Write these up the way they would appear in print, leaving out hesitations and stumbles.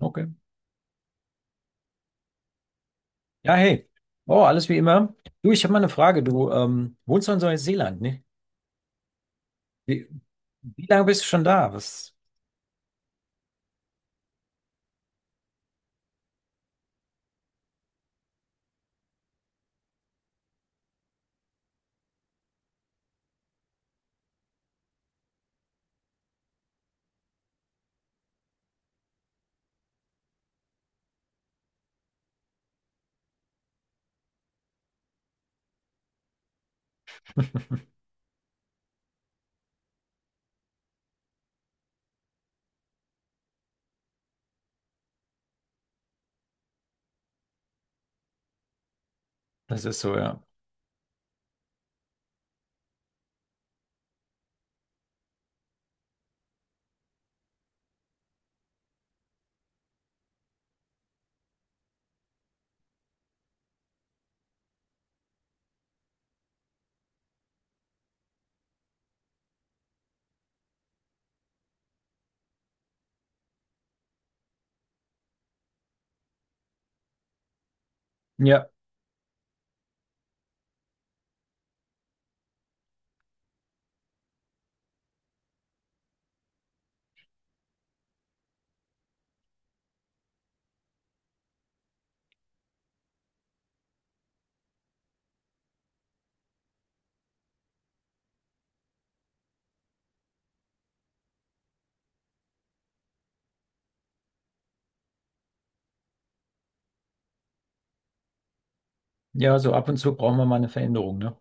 Okay. Ja, hey. Oh, alles wie immer. Du, ich habe mal eine Frage. Du wohnst doch in Neuseeland, ne? Wie, wie lange bist du schon da? Was? Das ist so, ja. Ja, ja, so ab und zu brauchen wir mal eine Veränderung, ne?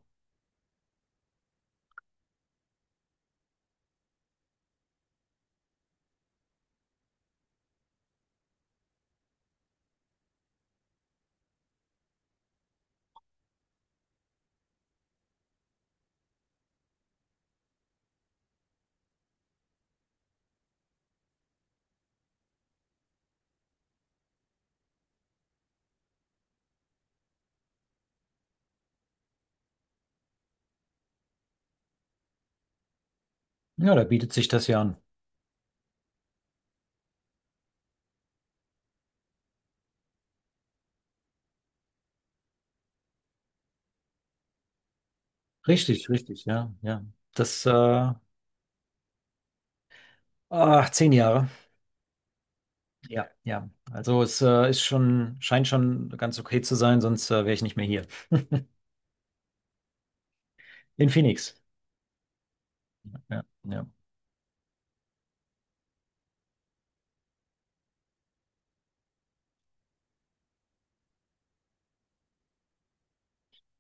Ja, da bietet sich das ja an. Richtig, richtig, ja, ja. Das, äh, ach, 10 Jahre. Ja, ja. Also es ist schon, scheint schon ganz okay zu sein, sonst wäre ich nicht mehr hier. In Phoenix. Ja, ja.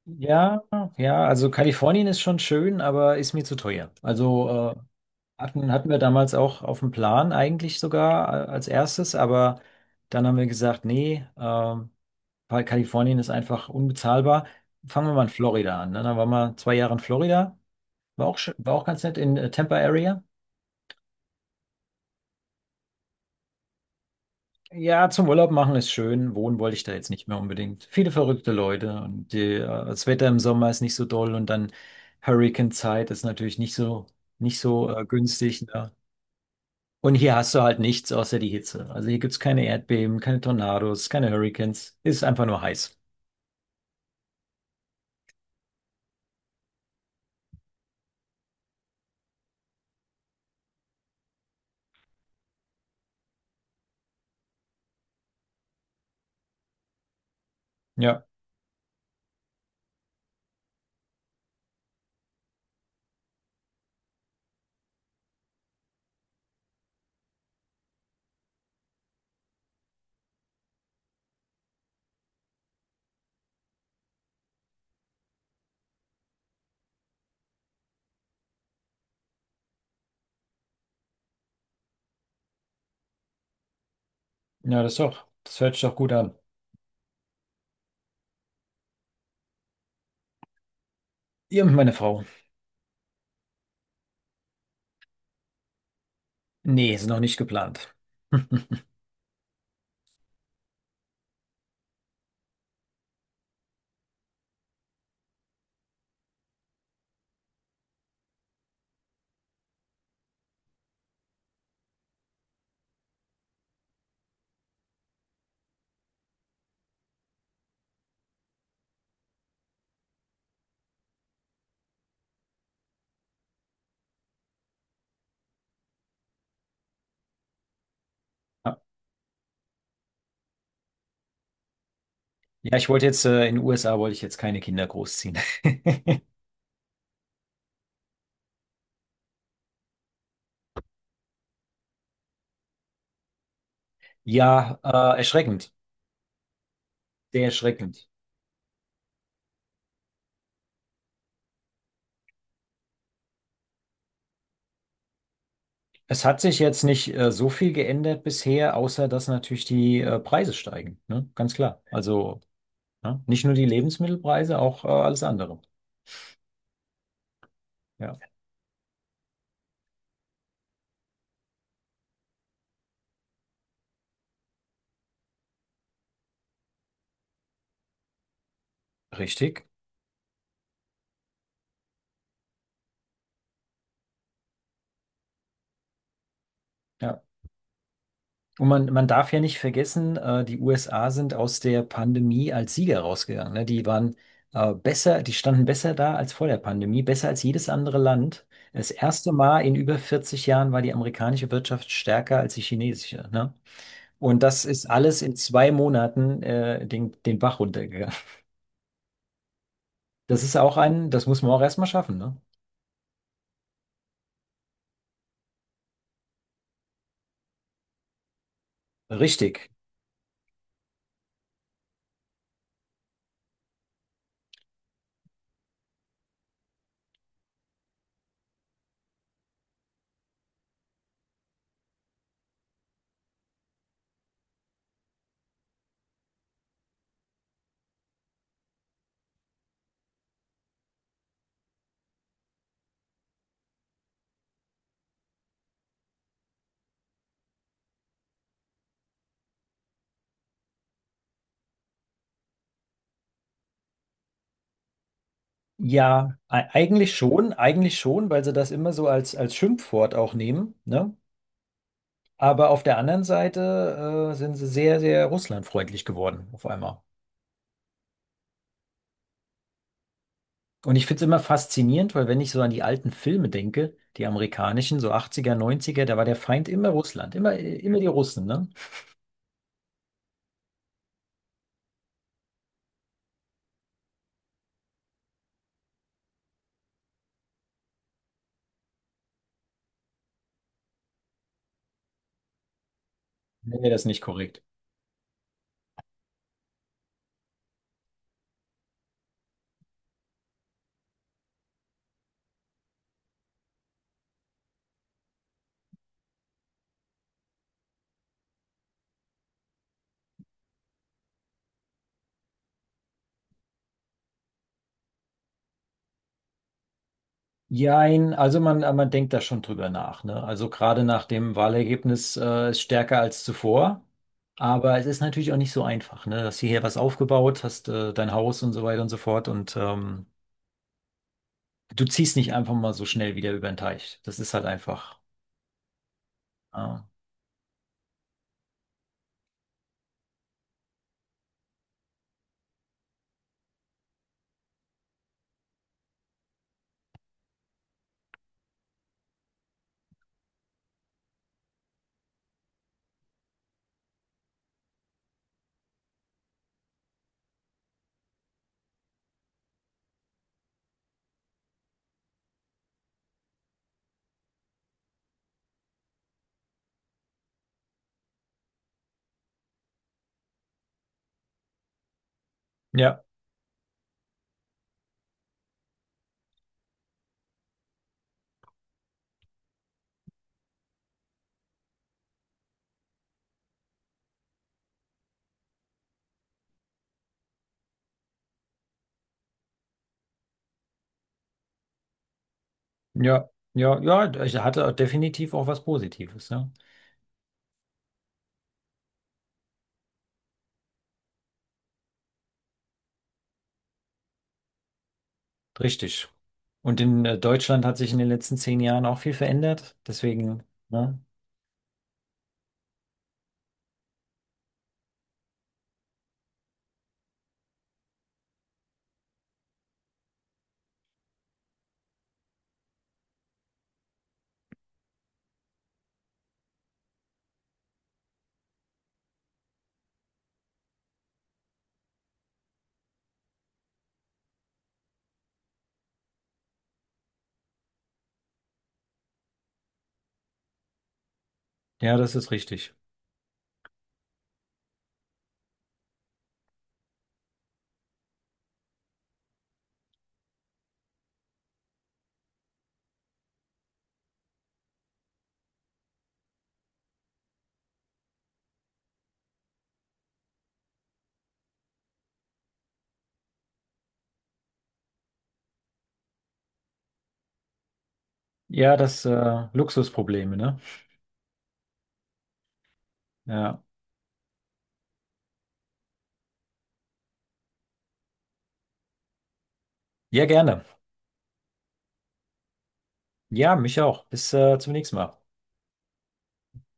Ja, ja, also Kalifornien ist schon schön, aber ist mir zu teuer. Also hatten wir damals auch auf dem Plan eigentlich sogar als erstes, aber dann haben wir gesagt, nee, weil Kalifornien ist einfach unbezahlbar. Fangen wir mal in Florida an. Ne? Dann waren wir 2 Jahre in Florida, war auch, schön- war auch ganz nett in Tampa Area. Ja, zum Urlaub machen ist schön, wohnen wollte ich da jetzt nicht mehr unbedingt. Viele verrückte Leute und die, das Wetter im Sommer ist nicht so doll und dann Hurricane-Zeit ist natürlich nicht so, nicht so günstig. Ne? Und hier hast du halt nichts außer die Hitze. Also hier gibt's keine Erdbeben, keine Tornados, keine Hurricanes. Ist einfach nur heiß. Ja, ja, das ist doch, das hört sich doch gut an. Ihr und meine Frau. Nee, ist noch nicht geplant. Ja, ja, ich wollte jetzt, in den USA wollte ich jetzt keine Kinder großziehen. Ja, erschreckend. Sehr erschreckend. Es hat sich jetzt nicht so viel geändert bisher, außer dass natürlich die Preise steigen. Ne? Ganz klar. Also, ne? Nicht nur die Lebensmittelpreise, auch alles andere. Ja, richtig. Ja. Und man darf ja nicht vergessen, die USA sind aus der Pandemie als Sieger rausgegangen. Ne? Die waren besser, die standen besser da als vor der Pandemie, besser als jedes andere Land. Das erste Mal in über 40 Jahren war die amerikanische Wirtschaft stärker als die chinesische. Ne? Und das ist alles in 2 Monaten den, den Bach runtergegangen. Das ist auch ein, das muss man auch erstmal schaffen. Ne? Richtig. Ja, e- eigentlich schon, weil sie das immer so als, als Schimpfwort auch nehmen, ne? Aber auf der anderen Seite sind sie sehr, sehr russlandfreundlich geworden auf einmal. Und ich finde es immer faszinierend, weil wenn ich so an die alten Filme denke, die amerikanischen, so 80er, 90er, da war der Feind immer Russland, immer, immer die Russen, ne? Nennen wir das nicht korrekt. Jein, also man denkt da schon drüber nach, ne? Also gerade nach dem Wahlergebnis ist stärker als zuvor. Aber es ist natürlich auch nicht so einfach, ne? Hast hierher was aufgebaut, hast dein Haus und so weiter und so fort und du ziehst nicht einfach mal so schnell wieder über den Teich. Das ist halt einfach. Ah. Ja, ja, ja, ja. Ich hatte definitiv auch was Positives. Ja. Richtig. Und in Deutschland hat sich in den letzten 10 Jahren auch viel verändert. Deswegen, ne? Ja, das ist richtig. Ja, das Luxusprobleme, ne? Ja. Ja, gerne. Ja, mich auch. Bis zum nächsten Mal.